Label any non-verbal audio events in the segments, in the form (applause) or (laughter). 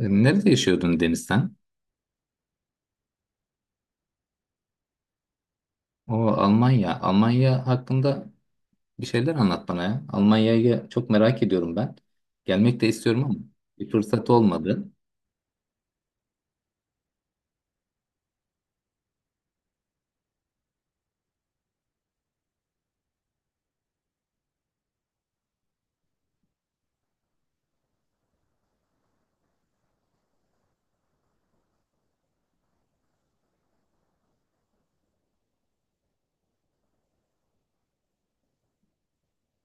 Nerede yaşıyordun Deniz sen? O Almanya. Almanya hakkında bir şeyler anlat bana ya. Almanya'yı çok merak ediyorum ben. Gelmek de istiyorum ama bir fırsat olmadı.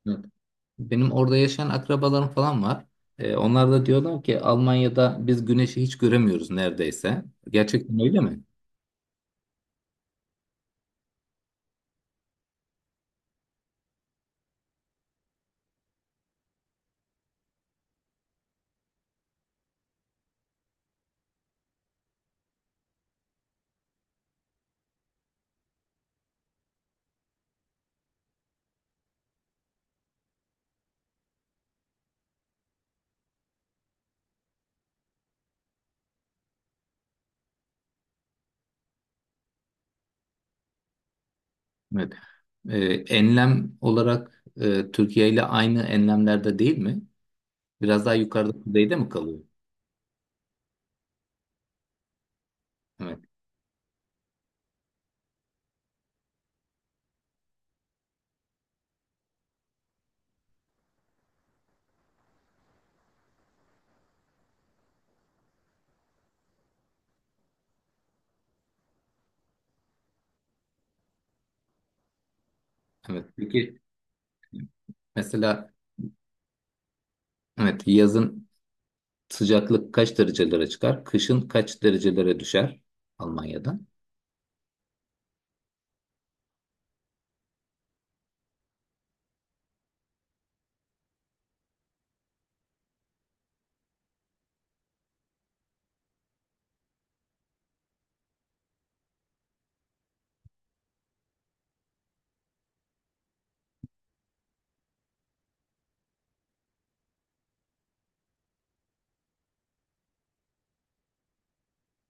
Evet. Benim orada yaşayan akrabalarım falan var. Onlar da diyorlar ki Almanya'da biz güneşi hiç göremiyoruz neredeyse. Gerçekten öyle mi? Evet. E, Enlem olarak Türkiye ile aynı enlemlerde değil mi? Biraz daha yukarıda kuzeyde mi kalıyor? Evet. Evet. Peki mesela evet, yazın sıcaklık kaç derecelere çıkar? Kışın kaç derecelere düşer Almanya'da?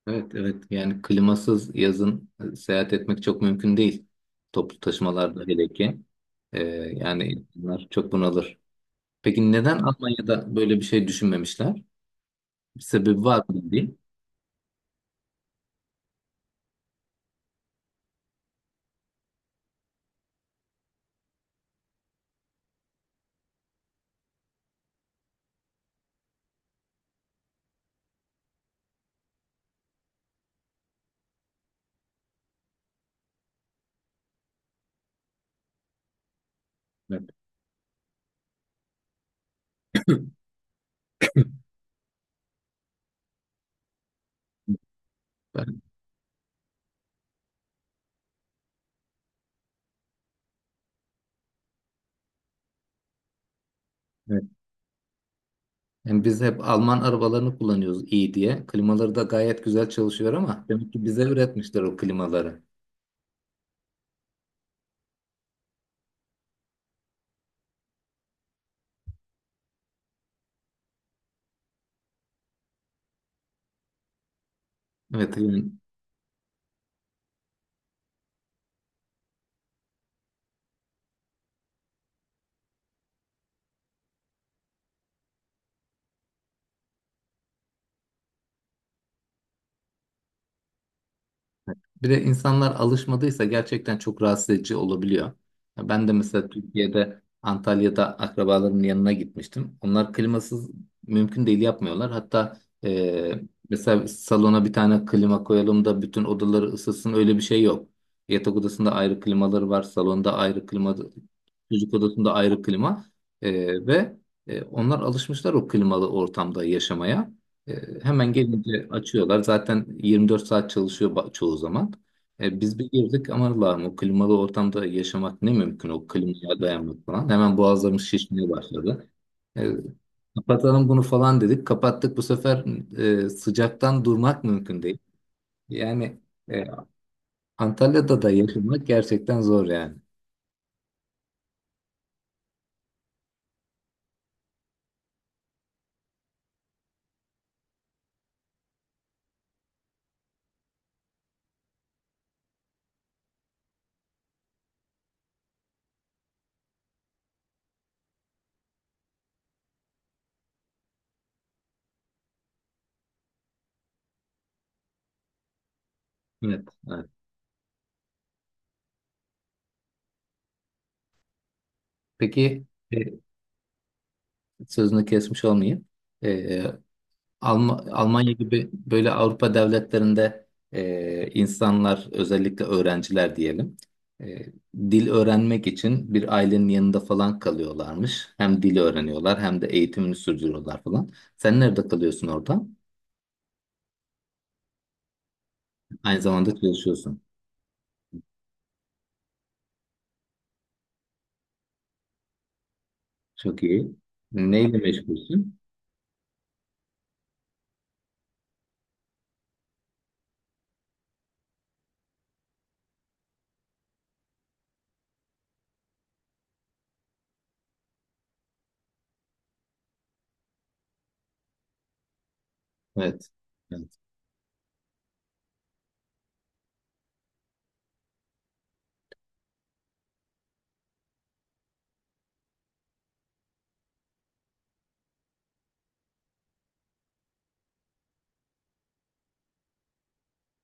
Evet, evet. Yani klimasız yazın seyahat etmek çok mümkün değil. Toplu taşımalarda hele ki. Ee, Yani insanlar çok bunalır. Peki neden Almanya'da böyle bir şey düşünmemişler? Bir sebebi var mı değil? Evet. Evet. Yani biz hep Alman arabalarını kullanıyoruz iyi diye. Klimaları da gayet güzel çalışıyor ama demek ki bize üretmişler o klimaları. Evet yani, bir de insanlar alışmadıysa gerçekten çok rahatsız edici olabiliyor. Ya ben de mesela Türkiye'de Antalya'da akrabalarımın yanına gitmiştim. Onlar klimasız mümkün değil yapmıyorlar. Hatta e, mesela salona bir tane klima koyalım da bütün odaları ısıtsın öyle bir şey yok. Yatak odasında ayrı klimaları var, salonda ayrı klima, çocuk odasında ayrı klima. E, ve Onlar alışmışlar o klimalı ortamda yaşamaya. E, Hemen gelince açıyorlar. Zaten 24 saat çalışıyor çoğu zaman. Biz bir girdik aman Allah'ım, o klimalı ortamda yaşamak ne mümkün, o klimaya dayanmak falan. Hemen boğazlarımız şişmeye başladı. E, Kapatalım bunu falan dedik. Kapattık, bu sefer sıcaktan durmak mümkün değil. Yani e, Antalya'da da yaşamak gerçekten zor yani. Evet, evet. Peki e, sözünü kesmiş olmayayım. E, Almanya gibi böyle Avrupa devletlerinde insanlar, özellikle öğrenciler diyelim, e, dil öğrenmek için bir ailenin yanında falan kalıyorlarmış. Hem dil öğreniyorlar hem de eğitimini sürdürüyorlar falan. Sen nerede kalıyorsun orada? Aynı zamanda çalışıyorsun. Çok iyi. Neyle meşgulsün? Evet. Evet.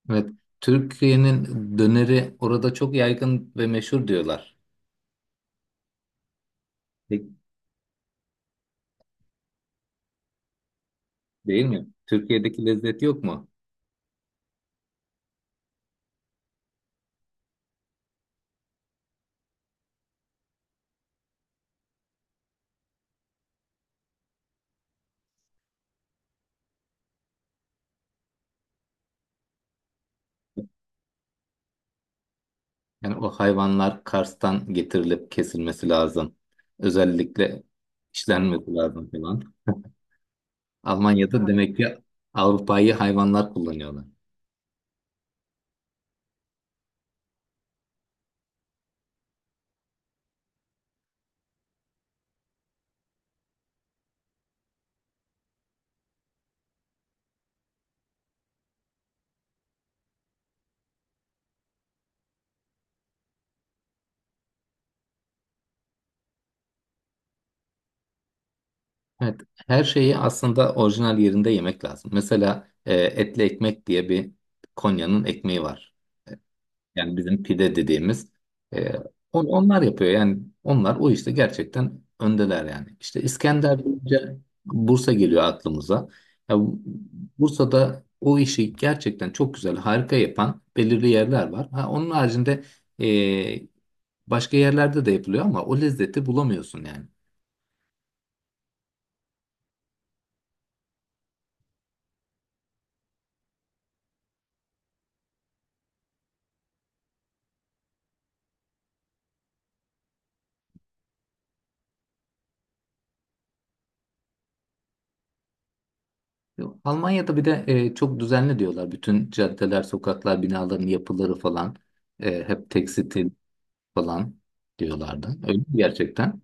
Evet. Türkiye'nin döneri orada çok yaygın ve meşhur diyorlar. De- Değil mi? Türkiye'deki lezzet yok mu? Yani o hayvanlar Kars'tan getirilip kesilmesi lazım. Özellikle işlenmesi lazım falan. (laughs) Almanya'da demek ki Avrupa'yı hayvanlar kullanıyorlar. Evet, her şeyi aslında orijinal yerinde yemek lazım. Mesela etli ekmek diye bir, Konya'nın ekmeği var. Yani bizim pide dediğimiz, e, onlar yapıyor. Yani onlar o işte gerçekten öndeler yani. İşte İskender deyince Bursa geliyor aklımıza. Ya, Bursa'da o işi gerçekten çok güzel, harika yapan belirli yerler var. Ha, onun haricinde e, başka yerlerde de yapılıyor ama o lezzeti bulamıyorsun yani. Yok. Almanya'da bir de çok düzenli diyorlar. Bütün caddeler, sokaklar, binaların yapıları falan hep tekstil falan diyorlardı. Öyle mi gerçekten?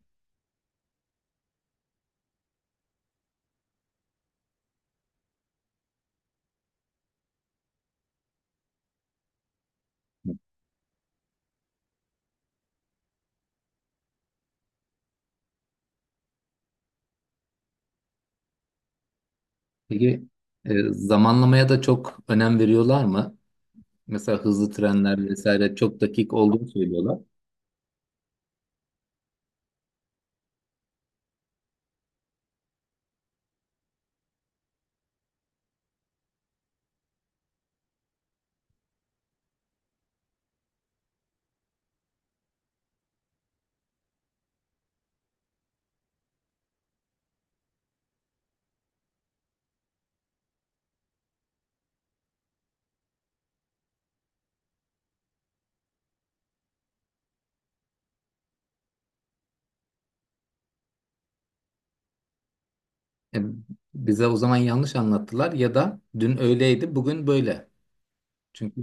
Peki zamanlamaya da çok önem veriyorlar mı? Mesela hızlı trenler vesaire çok dakik olduğunu söylüyorlar. E, Bize o zaman yanlış anlattılar ya da dün öyleydi, bugün böyle. Çünkü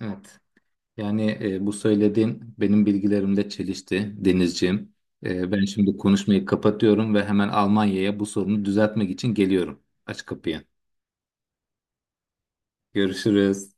evet yani, bu söylediğin benim bilgilerimle çelişti Denizciğim. Ben şimdi konuşmayı kapatıyorum ve hemen Almanya'ya bu sorunu düzeltmek için geliyorum. Aç kapıyı. Görüşürüz.